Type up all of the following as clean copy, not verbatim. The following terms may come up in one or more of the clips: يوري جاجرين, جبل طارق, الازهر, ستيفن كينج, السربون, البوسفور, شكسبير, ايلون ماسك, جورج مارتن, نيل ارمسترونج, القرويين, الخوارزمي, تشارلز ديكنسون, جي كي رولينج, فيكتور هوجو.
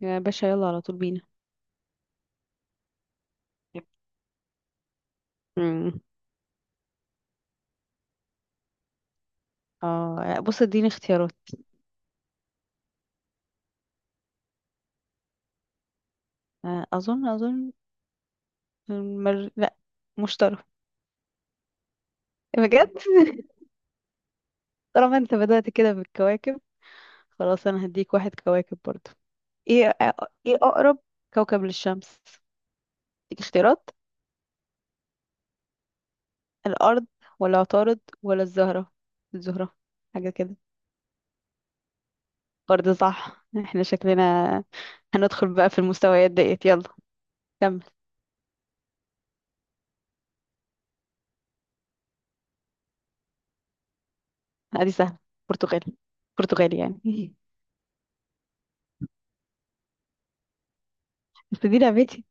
يا باشا يلا على طول بينا. يب. مم. اه لا، بص اديني اختيارات. اظن المر... لا، مشتري بجد. طالما انت بدأت كده بالكواكب، خلاص انا هديك واحد كواكب برضو. ايه اقرب كوكب للشمس؟ اديك اختيارات: الارض ولا عطارد ولا الزهرة؟ الزهرة حاجة كده. برضه صح، احنا شكلنا هندخل بقى في المستويات ديت. يلا كمل. ادي سهل، برتغالي، برتغالي يعني. بس دي لعبتي.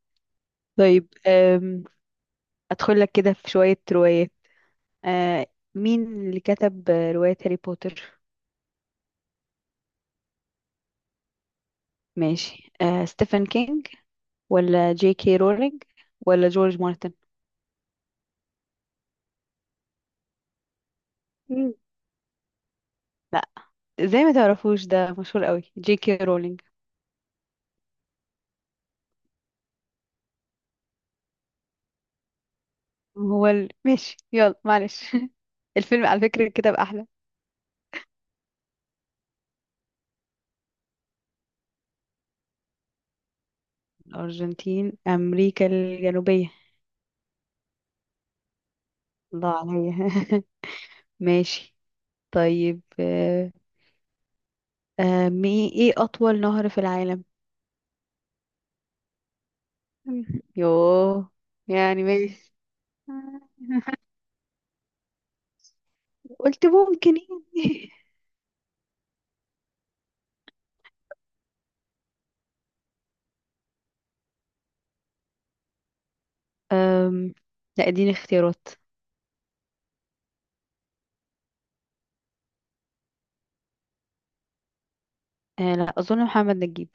طيب أدخل لك كده في شوية روايات. أه، مين اللي كتب رواية هاري بوتر؟ ماشي، ستيفن كينج ولا جي كي رولينج ولا جورج مارتن؟ مم. لا، زي ما تعرفوش ده مشهور قوي جي كي رولينج. ماشي يلا معلش. الفيلم على فكرة كتاب أحلى. الأرجنتين أمريكا الجنوبية. الله عليا. ماشي طيب ايه أطول نهر في العالم؟ يوه، يعني ماشي، آه، قلت ممكن يعني. أم، لا اديني اختيارات. لا اظن محمد نجيب.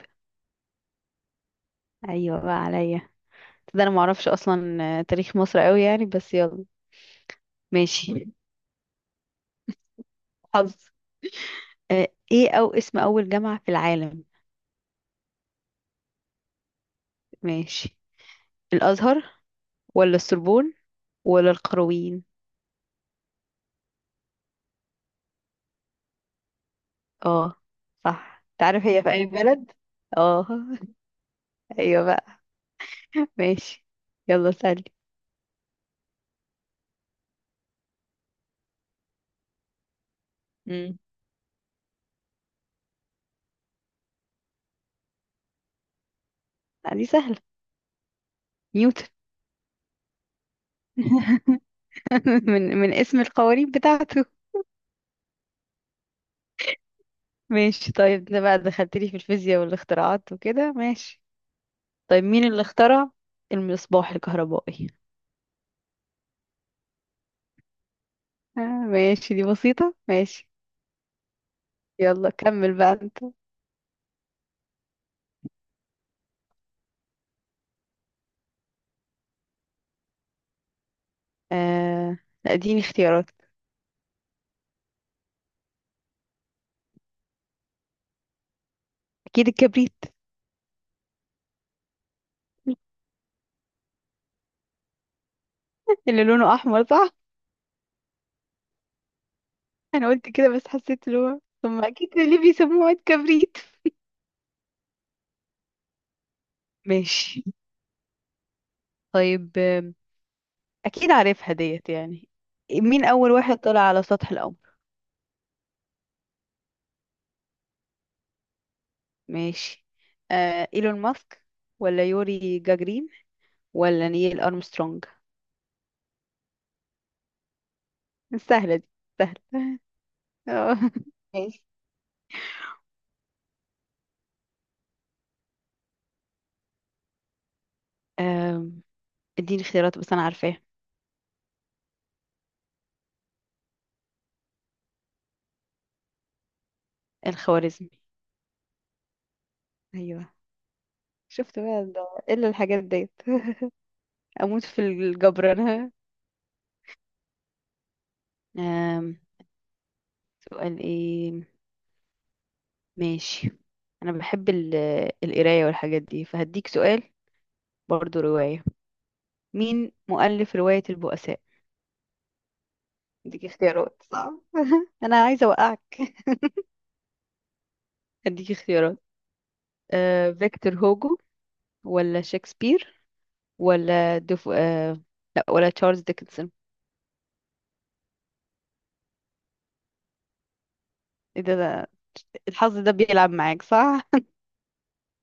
ايوه بقى عليا، ده انا معرفش اصلا تاريخ مصر قوي يعني بس يلا. ماشي. حظ. ايه او اسم اول جامعة في العالم؟ ماشي، الازهر ولا السربون ولا القرويين؟ اه صح، تعرف هي في اي بلد؟ اه. ايوه بقى. ماشي يلا سألي. امم دي سهلة، نيوتن. من من اسم القوانين بتاعته. ماشي طيب، ده بقى دخلت لي في الفيزياء والاختراعات وكده ماشي. طيب مين اللي اخترع المصباح الكهربائي؟ آه ماشي دي بسيطة ماشي. يلا كمل بقى انت. آه لا اديني اختيارات. اكيد الكبريت. اللي لونه احمر صح؟ انا قلت كده بس حسيت اللي هو ثم اكيد اللي بيسموه عيد كبريت. ماشي طيب، اكيد عارفها ديت يعني. مين اول واحد طلع على سطح القمر؟ ماشي، ايلون ماسك ولا يوري جاجرين ولا نيل ارمسترونج؟ سهلة دي، سهلة. اه ماشي. آم، اديني اختيارات بس انا عارفاه. الخوارزمي. ايوه، شفت بقى ده الا الحاجات ديت، اموت في الجبر انا. آم، سؤال ايه، ماشي. انا بحب القرايه والحاجات دي فهديك سؤال برضو روايه. مين مؤلف روايه البؤساء؟ اديك اختيارات صعب انا عايزه اوقعك. هديك اختيارات: فيكتور هوجو ولا شكسبير ولا دف... آه، لا ولا تشارلز ديكنسون؟ ايه ده ده- الحظ ده بيلعب معاك صح.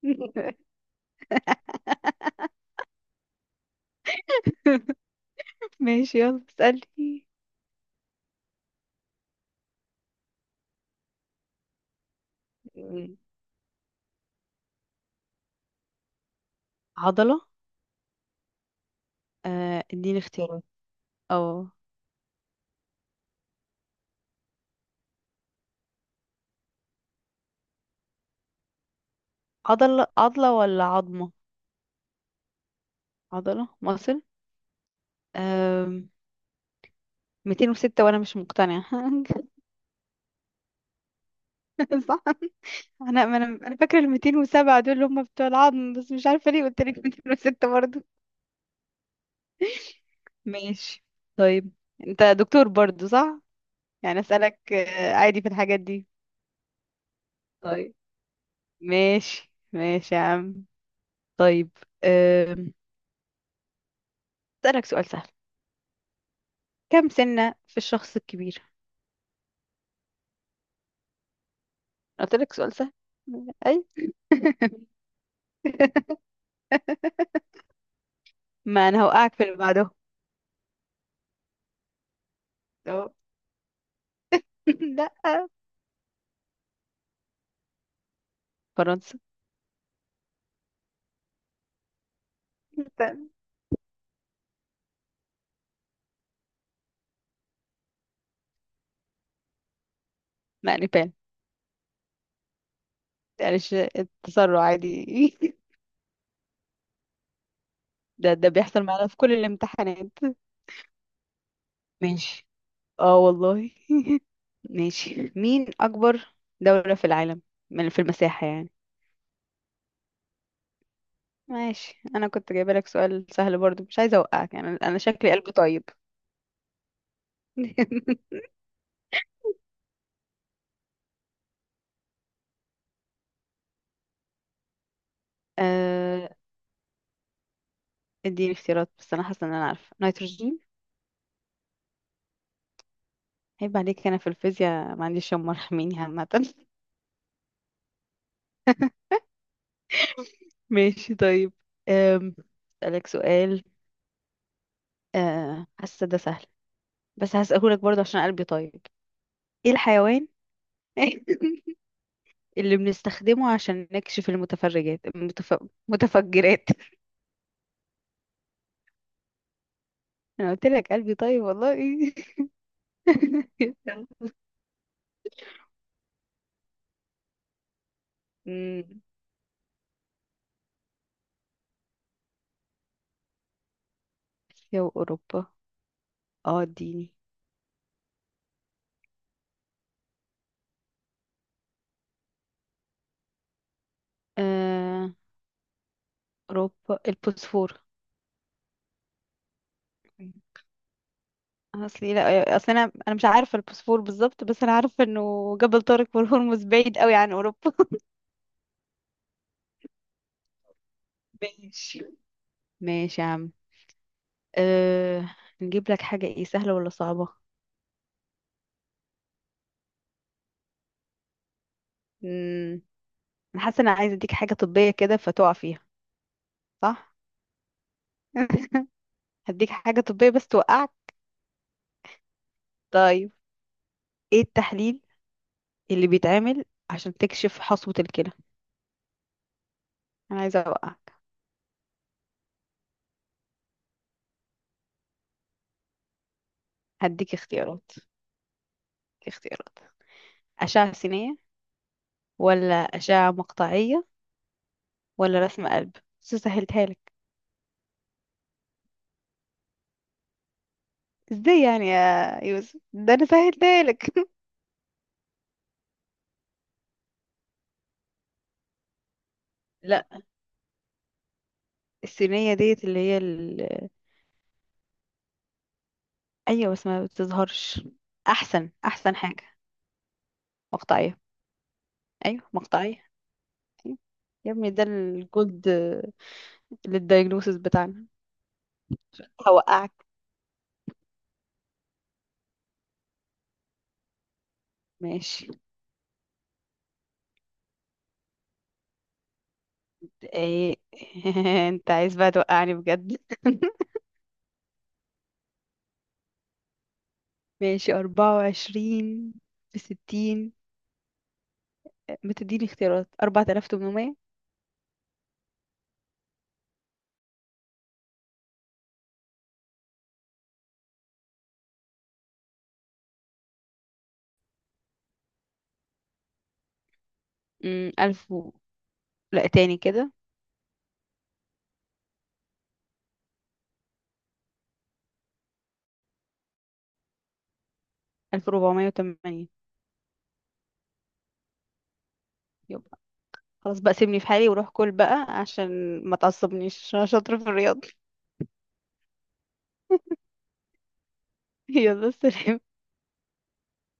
ماشي يلا اسألني. مم. عضلة. اديني اختيارات. اه، عضلة عضلة ولا عظمة؟ عضلة مصر. آم، 206 وانا مش مقتنعة. صح. انا فاكرة ال 207 دول اللي هم بتوع العظم، بس مش عارفة ليه قلت لك 206 برضه. ماشي طيب، انت دكتور برضو صح؟ يعني اسالك عادي في الحاجات دي. طيب ماشي ماشي يا عم. طيب أم، اسالك سؤال سهل. كم سنة في الشخص الكبير؟ قلت لك سؤال سهل. اي. ما انا هوقعك في اللي بعده. أهو. لا، فرنسا. استنى. لا، نيبال. معلش التسرع عادي. ده بيحصل معانا في كل الامتحانات. ماشي، اه والله. ماشي، مين أكبر دولة في العالم من في المساحة يعني؟ ماشي، أنا كنت جايبة لك سؤال سهل برضو مش عايزة أوقعك، يعني أنا شكلي قلبي طيب. آه، اديني اختيارات بس أنا حاسة إن أنا عارفة، نيتروجين. عيب عليك أنا في الفيزياء معلش هم مرحميني عامة. ماشي طيب، أم، أسألك سؤال حاسة ده سهل بس هسألهولك برضه عشان قلبي طيب. ايه الحيوان اللي بنستخدمه عشان نكشف متفجرات؟ انا قلت لك قلبي طيب والله. أمم، اسيا واوروبا. اه اديني. آه، اوروبا، البوسفور. اصلي لا، اصل انا مش عارفه البوسفور بالظبط بس انا عارفه انه جبل طارق والهرمز بعيد قوي عن اوروبا. ماشي ماشي يا عم. أه... نجيب لك حاجه ايه سهله ولا صعبه؟ امم، انا حاسه انا عايزه اديك حاجه طبيه كده فتقع فيها. صح. هديك حاجه طبيه بس توقعك. طيب ايه التحليل اللي بيتعمل عشان تكشف حصوة الكلى؟ انا عايزه اوقعك. هديك اختيارات، اختيارات: اشعه سينيه ولا اشعه مقطعيه ولا رسم قلب؟ بس سهلتها لك. ازاي يعني يا يوسف، ده انا سهلتها لك. لا، السينيه ديت اللي هي ال... ايوه بس ما بتظهرش، احسن احسن حاجه مقطعيه. ايوه مقطعيه. أيوة. يا ابني ده الجولد للدايجنوسيس بتاعنا. هوقعك. ماشي، ايه. انت عايز بقى توقعني بجد؟ ماشي، 24 بـ60. بتديني اختيارات؟ 4800. ألف و... لا تاني كده. 1480. يبقى خلاص بقى، سيبني في حالي وروح كل بقى عشان ما تعصبنيش عشان شاطرة في الرياضة. يلا سلام.